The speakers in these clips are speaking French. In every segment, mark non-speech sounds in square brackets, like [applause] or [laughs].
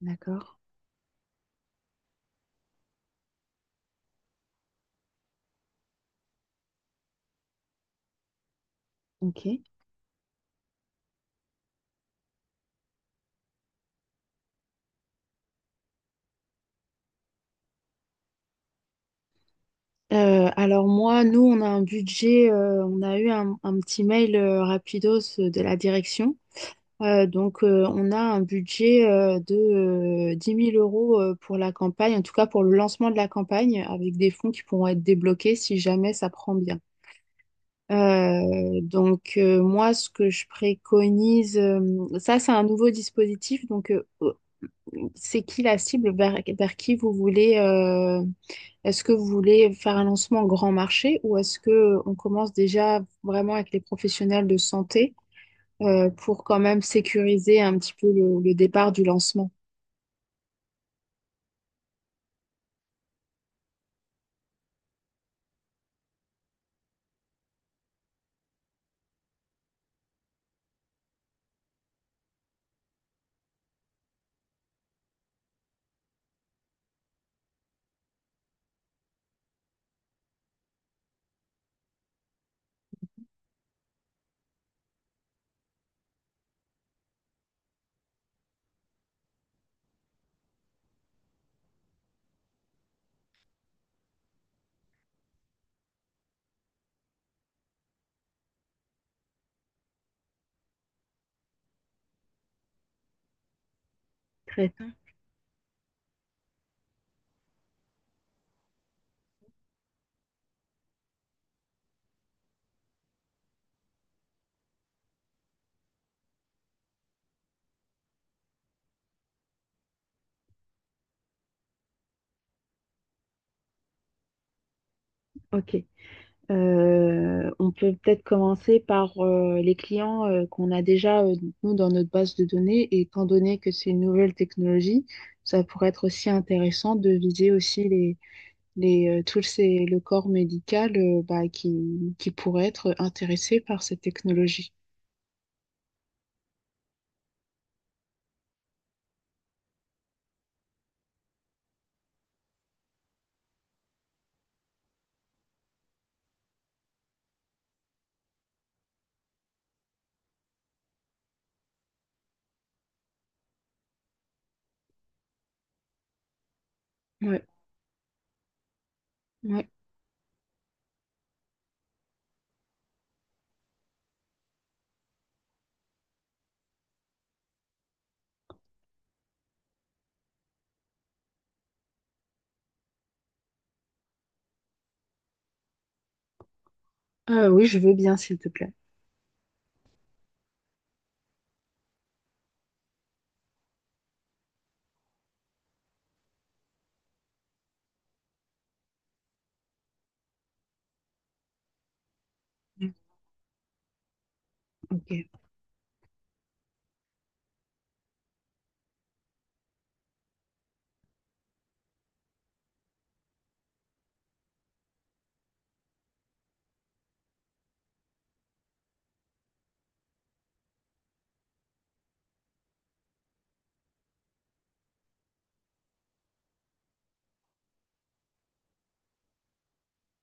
D'accord, ok. Alors moi, nous, on a un budget, on a eu un petit mail rapidos de la direction. Donc on a un budget de 10 000 euros pour la campagne, en tout cas pour le lancement de la campagne, avec des fonds qui pourront être débloqués si jamais ça prend bien. Donc moi, ce que je préconise, ça, c'est un nouveau dispositif. C'est qui la cible vers qui vous voulez... Est-ce que vous voulez faire un lancement grand marché ou est-ce que on commence déjà vraiment avec les professionnels de santé pour quand même sécuriser un petit peu le départ du lancement? Très bien. Ok. On peut peut-être commencer par les clients qu'on a déjà, nous, dans notre base de données. Et étant donné que c'est une nouvelle technologie, ça pourrait être aussi intéressant de viser aussi le corps médical, bah, qui pourrait être intéressé par cette technologie. Ouais, ouais. Oui, je veux bien, s'il te plaît. Ok,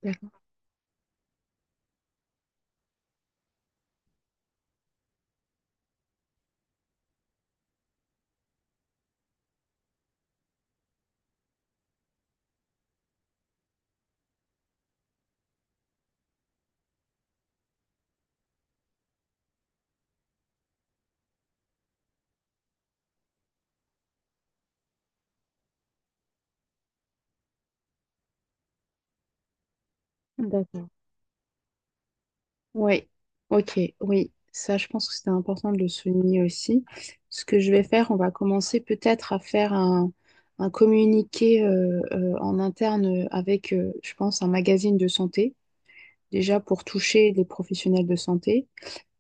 d'accord. D'accord. Oui, ok, oui. Ça, je pense que c'était important de le souligner aussi. Ce que je vais faire, on va commencer peut-être à faire un communiqué en interne avec, je pense, un magazine de santé, déjà pour toucher les professionnels de santé.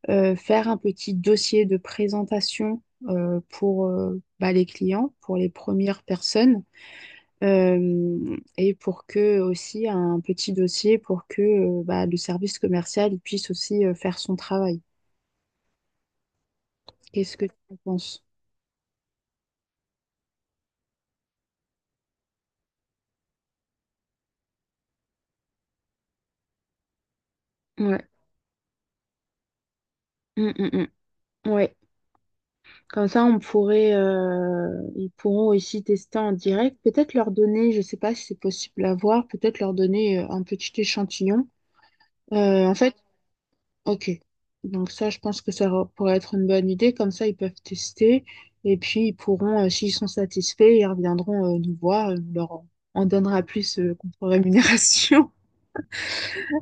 Faire un petit dossier de présentation pour, bah, les clients, pour les premières personnes. Et pour que aussi un petit dossier pour que bah, le service commercial il puisse aussi faire son travail. Qu'est-ce que tu en penses? Ouais. Mm, mm, mm. Ouais. Comme ça, on pourrait, ils pourront aussi tester en direct. Peut-être leur donner, je sais pas si c'est possible à voir, peut-être leur donner un petit échantillon. Euh, en fait, ok. Donc ça, je pense que pourrait être une bonne idée. Comme ça, ils peuvent tester et puis ils pourront, s'ils sont satisfaits, ils reviendront nous voir. On donnera plus contre rémunération. [laughs]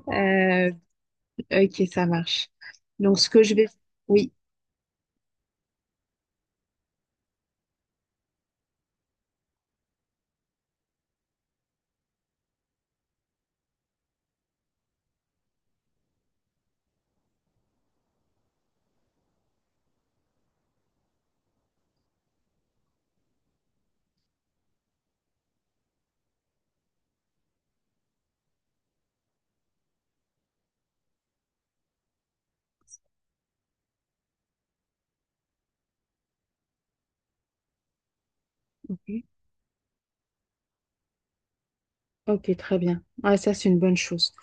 Euh, ok, ça marche. Donc ce que je vais, Oui. Ok, très bien. Ouais, ça, c'est une bonne chose.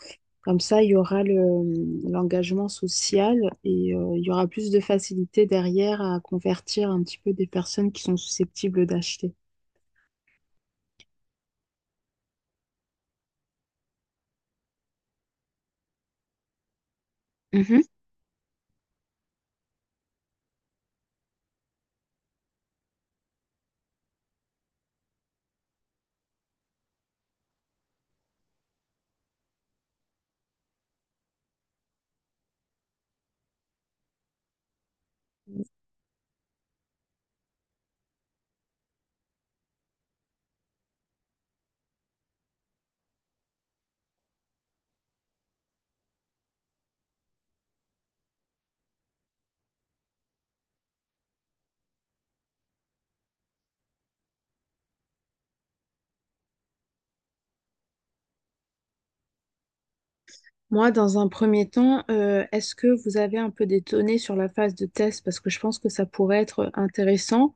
Comme ça, il y aura l'engagement social et il y aura plus de facilité derrière à convertir un petit peu des personnes qui sont susceptibles d'acheter. Mhm. Moi, dans un premier temps, est-ce que vous avez un peu des données sur la phase de test? Parce que je pense que ça pourrait être intéressant,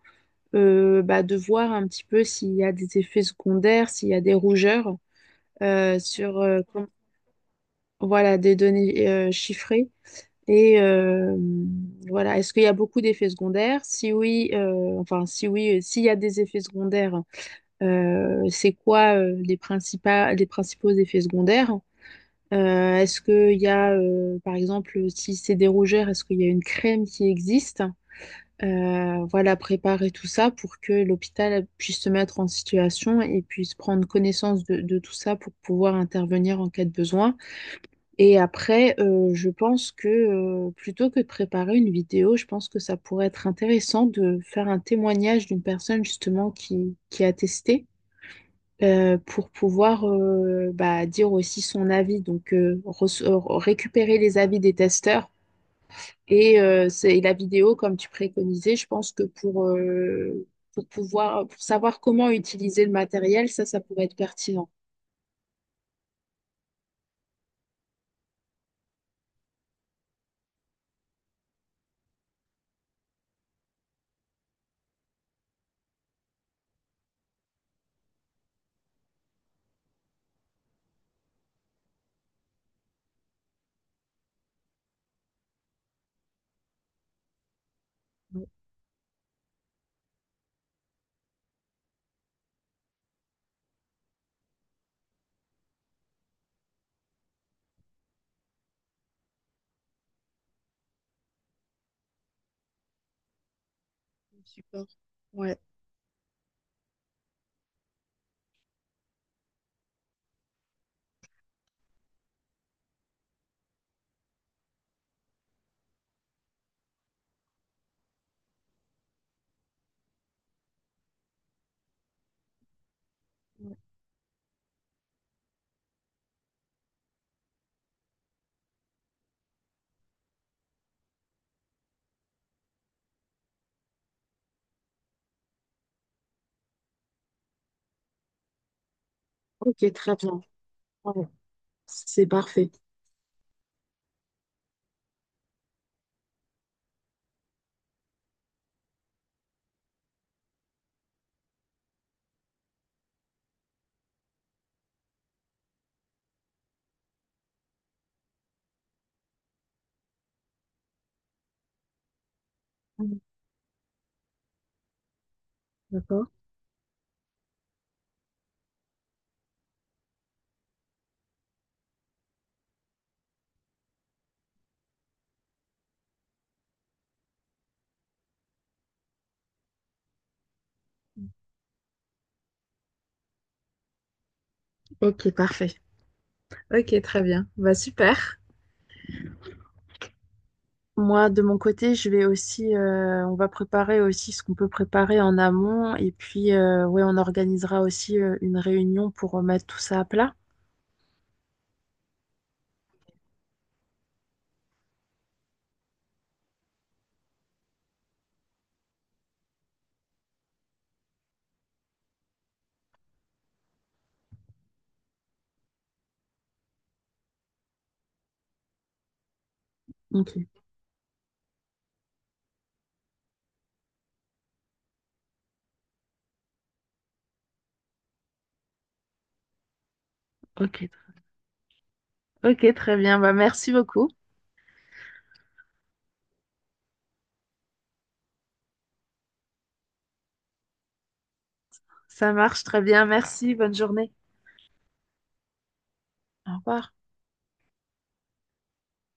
bah, de voir un petit peu s'il y a des effets secondaires, s'il y a des rougeurs euh, sur euh, com- voilà, des données chiffrées. Et euh, voilà, est-ce qu'il y a beaucoup d'effets secondaires? Si oui, enfin si oui, s'il y a des effets secondaires, c'est quoi les principaux effets secondaires? Est-ce qu'il y a, par exemple, si c'est des rougeurs, est-ce qu'il y a une crème qui existe? Voilà, préparer tout ça pour que l'hôpital puisse se mettre en situation et puisse prendre connaissance de tout ça pour pouvoir intervenir en cas de besoin. Et après, je pense que plutôt que de préparer une vidéo, je pense que ça pourrait être intéressant de faire un témoignage d'une personne justement qui a testé pour pouvoir, bah, dire aussi son avis. Récupérer les avis des testeurs et, et la vidéo comme tu préconisais, je pense que pour pouvoir pour savoir comment utiliser le matériel, ça pourrait être pertinent. Ouais, super. Ouais, ouais. Ok, très bien. Ouais, c'est parfait. D'accord. Ok, parfait. Ok, très bien. Bah, super. Moi, de mon côté, je vais aussi, on va préparer aussi ce qu'on peut préparer en amont. Et puis, ouais, on organisera aussi une réunion pour remettre tout ça à plat. Ok, ok, ok, très bien. Bah, merci beaucoup. Ça marche très bien. Merci. Bonne journée. Au revoir.